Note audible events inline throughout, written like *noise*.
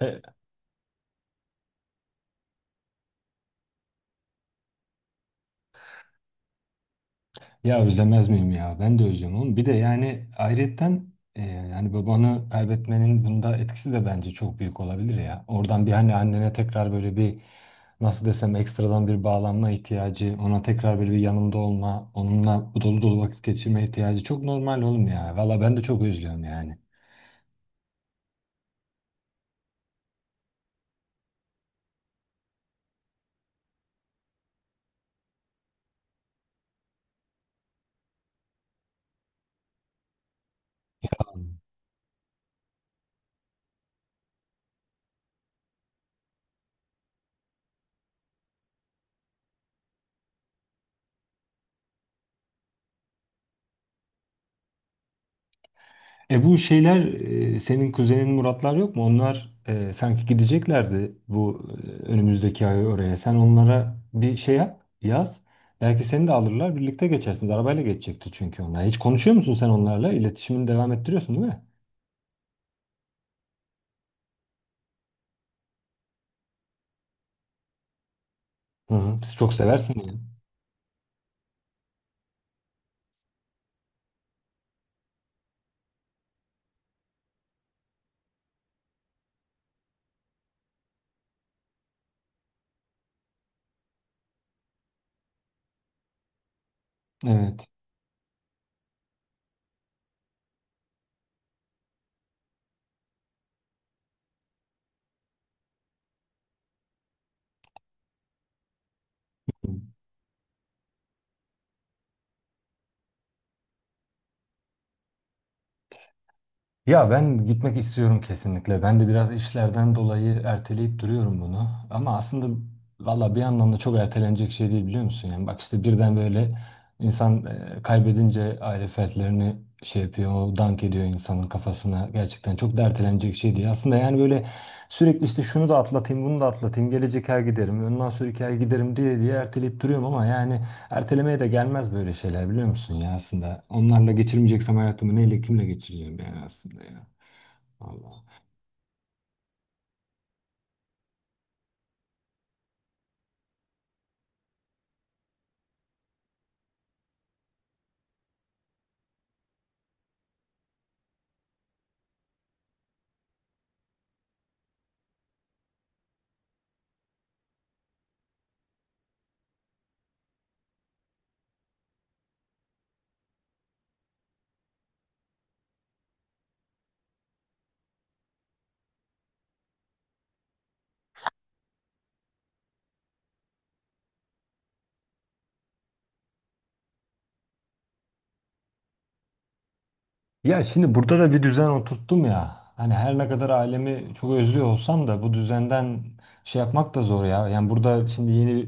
E, Ya özlemez miyim ya? Ben de özlüyorum oğlum. Bir de yani ayrıyetten yani babanı kaybetmenin bunda etkisi de bence çok büyük olabilir ya. Oradan bir hani annene tekrar böyle bir nasıl desem ekstradan bir bağlanma ihtiyacı, ona tekrar böyle bir yanında olma, onunla dolu dolu vakit geçirme ihtiyacı çok normal oğlum ya. Valla ben de çok özlüyorum yani. E bu şeyler senin kuzenin Muratlar yok mu? Onlar sanki gideceklerdi bu önümüzdeki ay oraya. Sen onlara bir şey yap, yaz. Belki seni de alırlar, birlikte geçersiniz. Arabayla geçecekti çünkü onlar. Hiç konuşuyor musun sen onlarla? İletişimini devam ettiriyorsun değil mi? Hı hı. Siz çok seversin yani. Evet. Ya ben gitmek istiyorum kesinlikle. Ben de biraz işlerden dolayı erteleyip duruyorum bunu. Ama aslında valla bir yandan da çok ertelenecek şey değil biliyor musun? Yani bak işte birden böyle insan kaybedince aile fertlerini şey yapıyor, o dank ediyor insanın kafasına. Gerçekten çok da ertelenecek şey değil. Aslında yani böyle sürekli işte şunu da atlatayım, bunu da atlatayım, gelecek ay giderim, ondan sonra sonraki ay giderim diye diye erteleyip duruyorum ama yani ertelemeye de gelmez böyle şeyler biliyor musun ya aslında. Onlarla geçirmeyeceksem hayatımı neyle kimle geçireceğim yani aslında ya. Allah. Ya şimdi burada da bir düzen oturttum ya. Hani her ne kadar ailemi çok özlüyor olsam da bu düzenden şey yapmak da zor ya. Yani burada şimdi yeni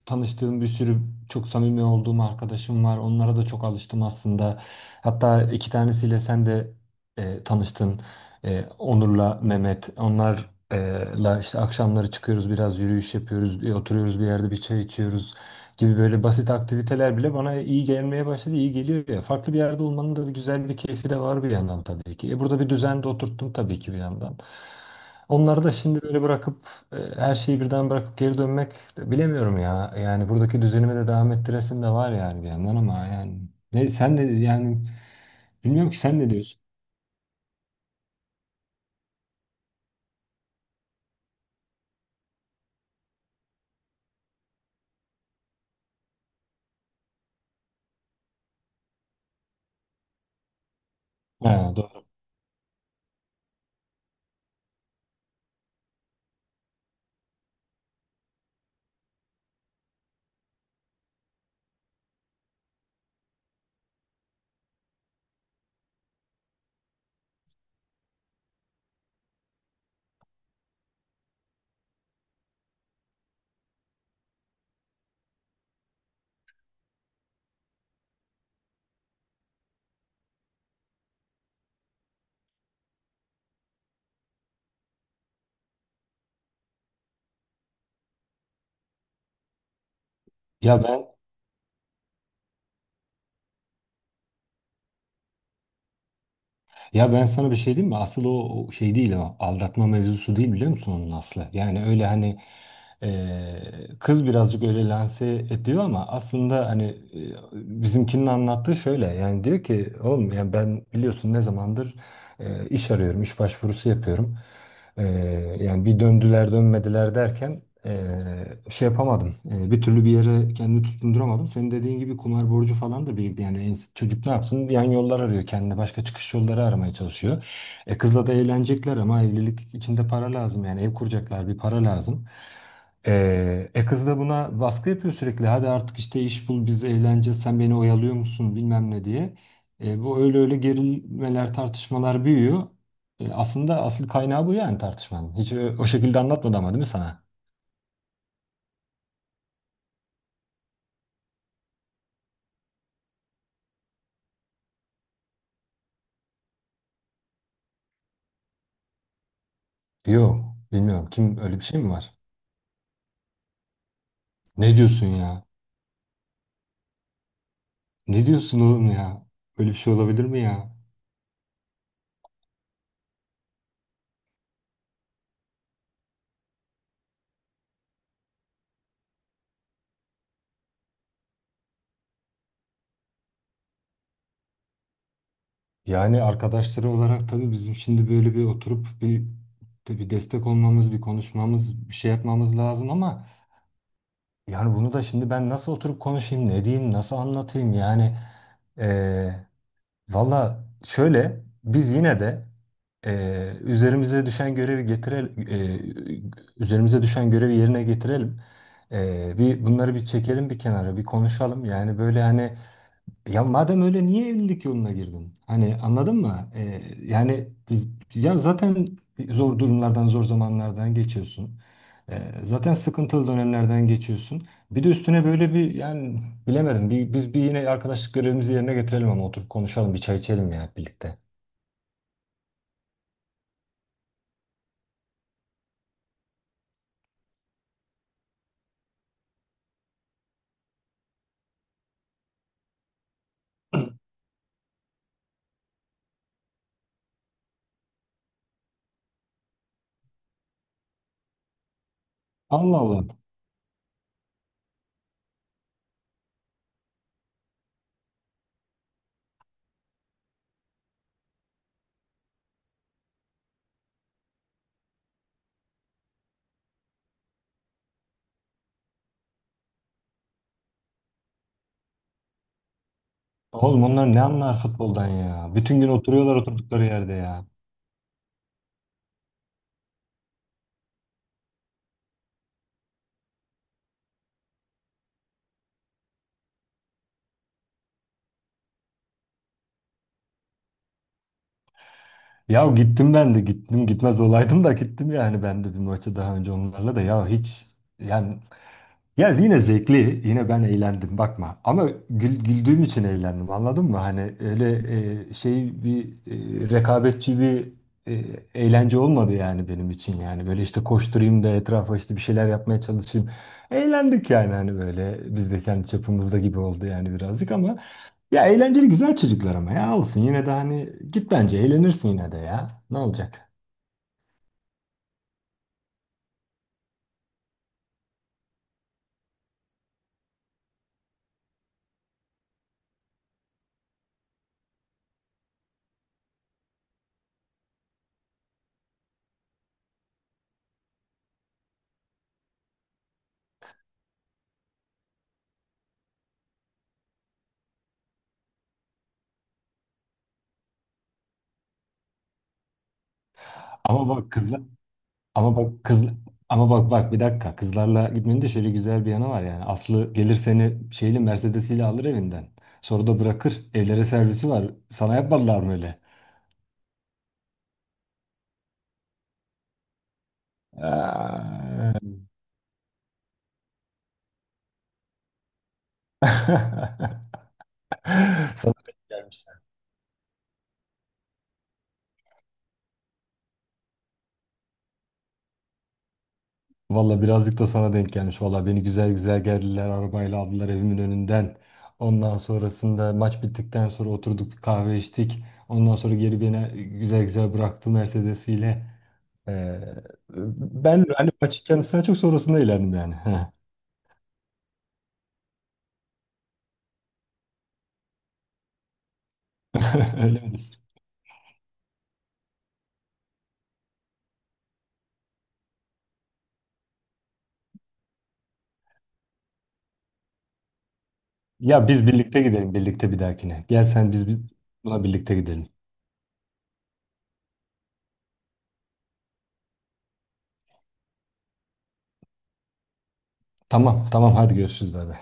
tanıştığım bir sürü çok samimi olduğum arkadaşım var. Onlara da çok alıştım aslında. Hatta iki tanesiyle sen de tanıştın. E, Onur'la Mehmet. Onlarla işte akşamları çıkıyoruz biraz yürüyüş yapıyoruz. Bir oturuyoruz bir yerde bir çay içiyoruz gibi böyle basit aktiviteler bile bana iyi gelmeye başladı, iyi geliyor ya. Farklı bir yerde olmanın da bir güzel bir keyfi de var bir yandan tabii ki. E burada bir düzen de oturttum tabii ki bir yandan. Onları da şimdi böyle bırakıp her şeyi birden bırakıp geri dönmek de bilemiyorum ya. Yani buradaki düzenime de devam ettiresim de var yani bir yandan ama yani ne sen de yani bilmiyorum ki sen ne diyorsun? Ha, doğru. Ya ben Ya ben sana bir şey diyeyim mi? Asıl o şey değil o. Aldatma mevzusu değil biliyor musun onun aslı? Yani öyle hani kız birazcık öyle lanse ediyor ama aslında hani bizimkinin anlattığı şöyle. Yani diyor ki oğlum yani ben biliyorsun ne zamandır iş arıyorum, iş başvurusu yapıyorum. Ee, yani bir döndüler dönmediler derken şey yapamadım. Bir türlü bir yere kendimi tutunduramadım. Senin dediğin gibi kumar borcu falan da birlikte yani çocuk ne yapsın? Yan yollar arıyor kendine başka çıkış yolları aramaya çalışıyor. E, kızla da eğlenecekler ama evlilik içinde para lazım yani ev kuracaklar bir para lazım. Kız da buna baskı yapıyor sürekli. Hadi artık işte iş bul biz eğleneceğiz sen beni oyalıyor musun bilmem ne diye. E, bu öyle öyle gerilmeler tartışmalar büyüyor. E, aslında asıl kaynağı bu yani tartışmanın. Hiç o şekilde anlatmadı ama değil mi sana? Yok. Bilmiyorum. Kim öyle bir şey mi var? Ne diyorsun ya? Ne diyorsun oğlum ya? Böyle bir şey olabilir mi ya? Yani arkadaşları olarak tabii bizim şimdi böyle bir oturup bir destek olmamız, bir konuşmamız, bir şey yapmamız lazım ama yani bunu da şimdi ben nasıl oturup konuşayım, ne diyeyim, nasıl anlatayım yani? Valla şöyle biz yine de üzerimize düşen görevi yerine getirelim. Bir bunları bir çekelim bir kenara bir konuşalım. Yani böyle hani ya madem öyle niye evlilik yoluna girdin? Hani anladın mı? Yani ya zaten zor durumlardan, zor zamanlardan geçiyorsun. Zaten sıkıntılı dönemlerden geçiyorsun. Bir de üstüne böyle bir yani bilemedim. Biz bir yine arkadaşlık görevimizi yerine getirelim ama oturup konuşalım, bir çay içelim ya birlikte. Allah Allah. Oğlum onlar ne anlar futboldan ya? Bütün gün oturuyorlar oturdukları yerde ya. Ya gittim ben de gittim gitmez olaydım da gittim yani ben de bir maça daha önce onlarla da ya hiç yani ya yine zevkli, yine ben eğlendim bakma. Ama güldüğüm için eğlendim anladın mı? Hani öyle e, şey bir rekabetçi bir e, eğlence olmadı yani benim için yani. Böyle işte koşturayım da etrafa işte bir şeyler yapmaya çalışayım. Eğlendik yani hani böyle biz de kendi çapımızda gibi oldu yani birazcık ama ya eğlenceli güzel çocuklar ama ya olsun yine de hani git bence eğlenirsin yine de ya. Ne olacak? Ama bak kızlar Ama bak kız ama bak bir dakika. Kızlarla gitmenin de şöyle güzel bir yanı var yani. Aslı gelir seni şeyle Mercedes'iyle alır evinden. Sonra da bırakır. Evlere servisi var. Sana yapmadılar mı öyle? Eee. *laughs* Sana, valla birazcık da sana denk gelmiş. Valla beni güzel güzel geldiler. Arabayla aldılar evimin önünden. Ondan sonrasında maç bittikten sonra oturduk bir kahve içtik. Ondan sonra geri beni güzel güzel bıraktı Mercedes'iyle. Ee, ben hani maçı kendisine çok sonrasında eğlendim yani. Heh. *laughs* Öyle mi diyorsun? Ya biz birlikte gidelim birlikte bir dahakine. Gel sen biz bir- buna birlikte gidelim. Tamam tamam hadi görüşürüz bay